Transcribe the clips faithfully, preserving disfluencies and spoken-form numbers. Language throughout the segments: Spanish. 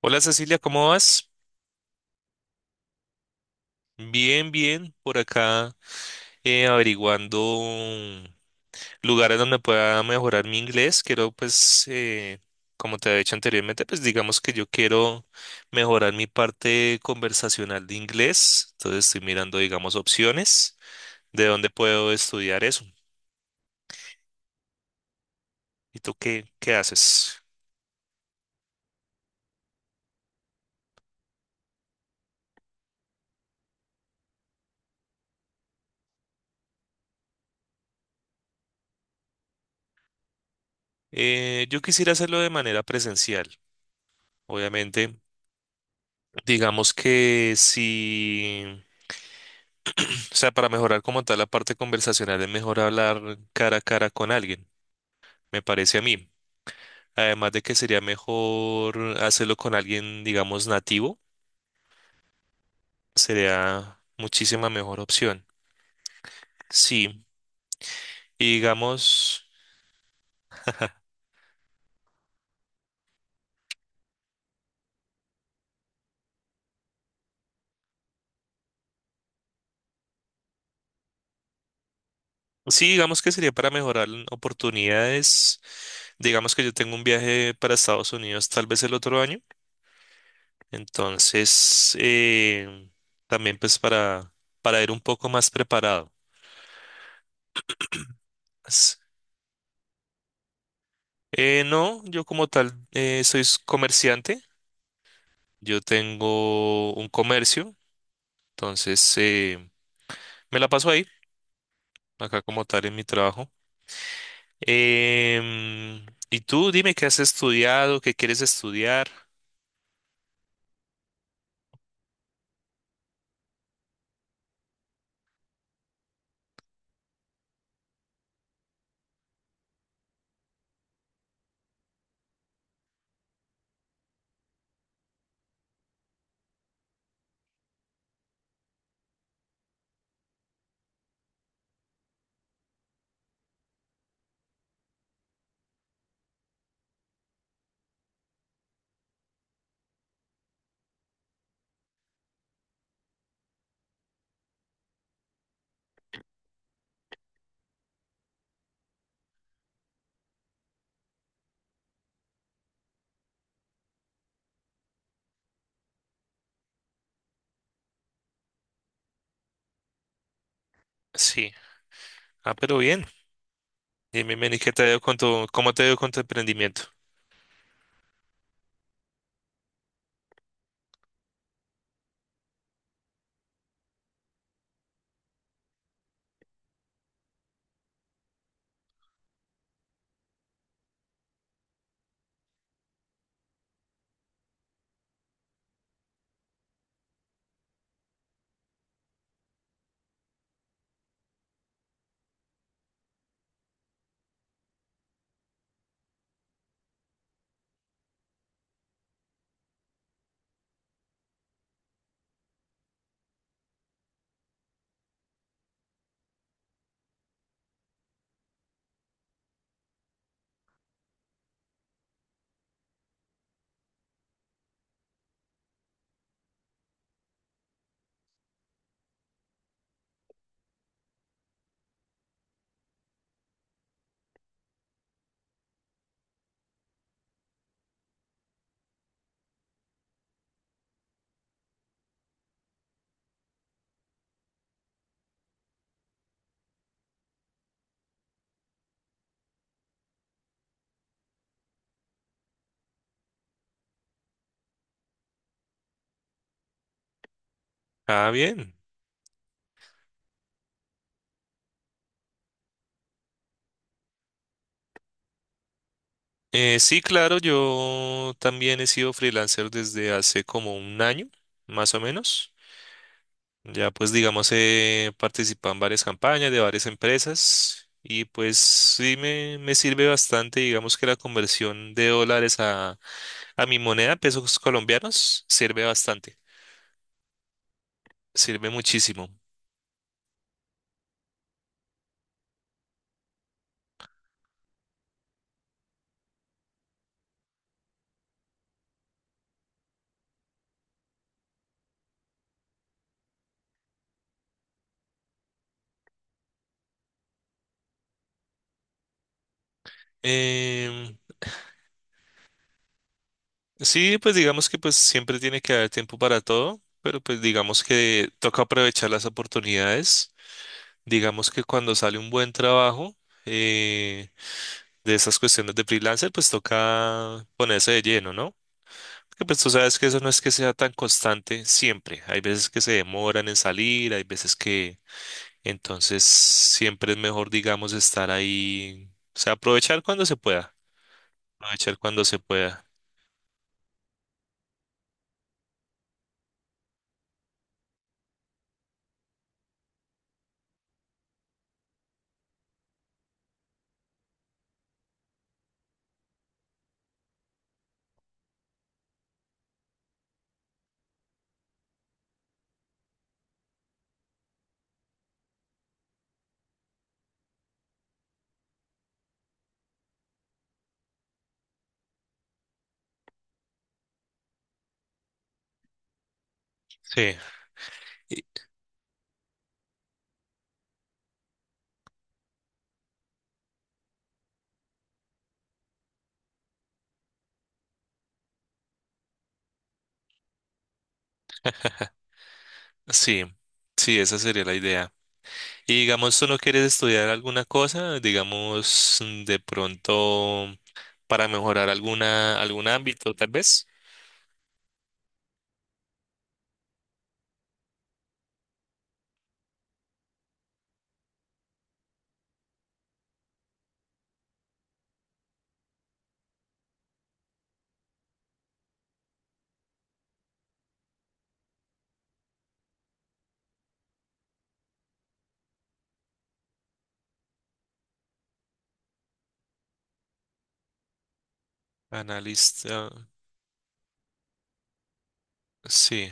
Hola Cecilia, ¿cómo vas? Bien, bien, por acá, eh, averiguando mm, lugares donde pueda mejorar mi inglés. Quiero, pues, eh, como te había dicho anteriormente, pues digamos que yo quiero mejorar mi parte conversacional de inglés. Entonces estoy mirando, digamos, opciones de dónde puedo estudiar eso. ¿Y tú qué, qué haces? Eh, yo quisiera hacerlo de manera presencial, obviamente. Digamos que si... O sea, para mejorar como tal la parte conversacional es mejor hablar cara a cara con alguien, me parece a mí. Además de que sería mejor hacerlo con alguien, digamos, nativo, sería muchísima mejor opción. Sí, y digamos, sí, digamos que sería para mejorar oportunidades. Digamos que yo tengo un viaje para Estados Unidos tal vez el otro año, entonces eh, también pues para, para ir un poco más preparado. Pues, Eh, no, yo como tal eh, soy s- comerciante, yo tengo un comercio, entonces, eh, me la paso ahí, acá como tal en mi trabajo. Em, y tú dime qué has estudiado, qué quieres estudiar. Sí, ah, pero bien. Dime, Manny, ¿qué te ha ido con tu, cómo te ha ido con tu emprendimiento? Ah, bien. Eh, sí, claro, yo también he sido freelancer desde hace como un año, más o menos. Ya pues digamos he participado en varias campañas de varias empresas y pues sí me, me sirve bastante, digamos que la conversión de dólares a A mi moneda, pesos colombianos, sirve bastante, sirve muchísimo. Em, sí, pues digamos que pues siempre tiene que haber tiempo para todo, pero pues digamos que toca aprovechar las oportunidades. Digamos que cuando sale un buen trabajo eh, de esas cuestiones de freelancer, pues toca ponerse de lleno, ¿no? Porque pues tú sabes que eso no es que sea tan constante siempre. Hay veces que se demoran en salir, hay veces que entonces siempre es mejor, digamos, estar ahí, o sea, aprovechar cuando se pueda, aprovechar cuando se pueda. Sí, y- sí, sí, esa sería la idea. Y digamos, ¿tú no quieres estudiar alguna cosa? Digamos, mm, de pronto, para mejorar alguna, algún ámbito, tal vez. Analista, sí,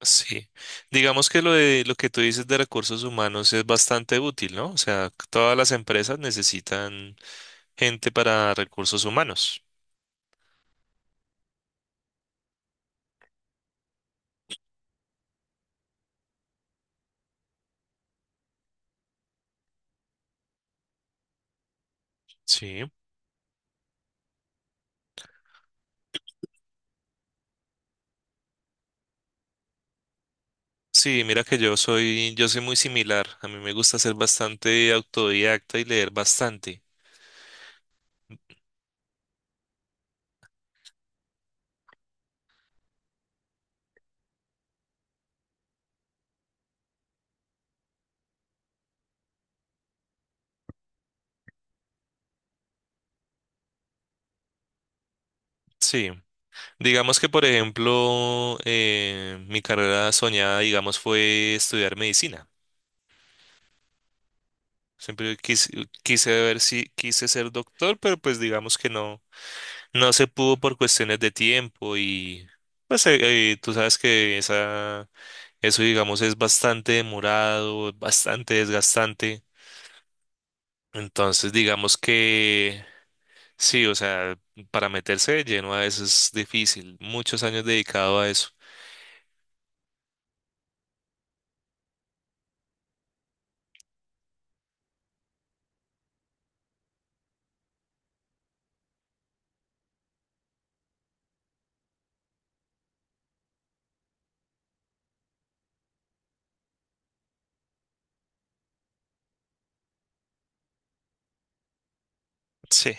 sí. Digamos que lo de lo que tú dices de recursos humanos es bastante útil, ¿no? O sea, todas las empresas necesitan gente para recursos humanos. Sí, sí, mira que yo soy, yo soy muy similar. A mí me gusta ser bastante autodidacta y leer bastante. Sí. Digamos que, por ejemplo, eh, mi carrera soñada, digamos, fue estudiar medicina. Siempre quise, quise ver si quise ser doctor, pero pues digamos que no, no se pudo por cuestiones de tiempo y pues eh, eh, tú sabes que esa, eso digamos es bastante demorado, bastante desgastante. Entonces digamos que sí, o sea, para meterse de lleno a eso es difícil. Muchos años dedicado a eso. Sí,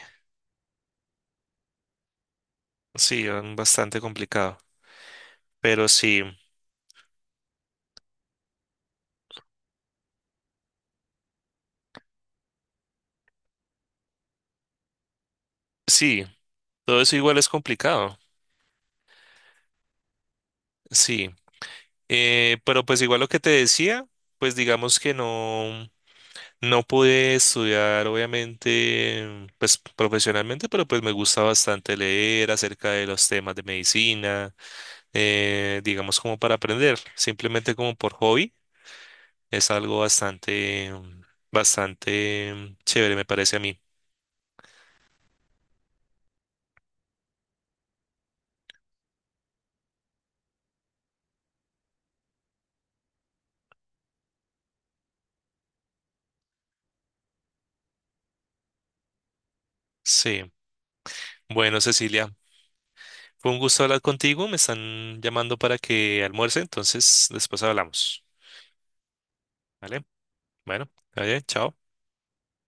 sí, um, bastante complicado. Pero sí, sí, todo eso igual es complicado. Sí, eh, pero pues igual lo que te decía, pues digamos que no, no pude estudiar, obviamente, pues profesionalmente, pero pues me gusta bastante leer acerca de los temas de medicina, eh, digamos como para aprender, simplemente como por hobby. Es algo bastante, mm, bastante chévere, me parece a mí. Sí. Bueno, Cecilia, fue un gusto hablar contigo. Me están llamando para que almuerce, entonces después hablamos. ¿Vale? Bueno, oye, chao.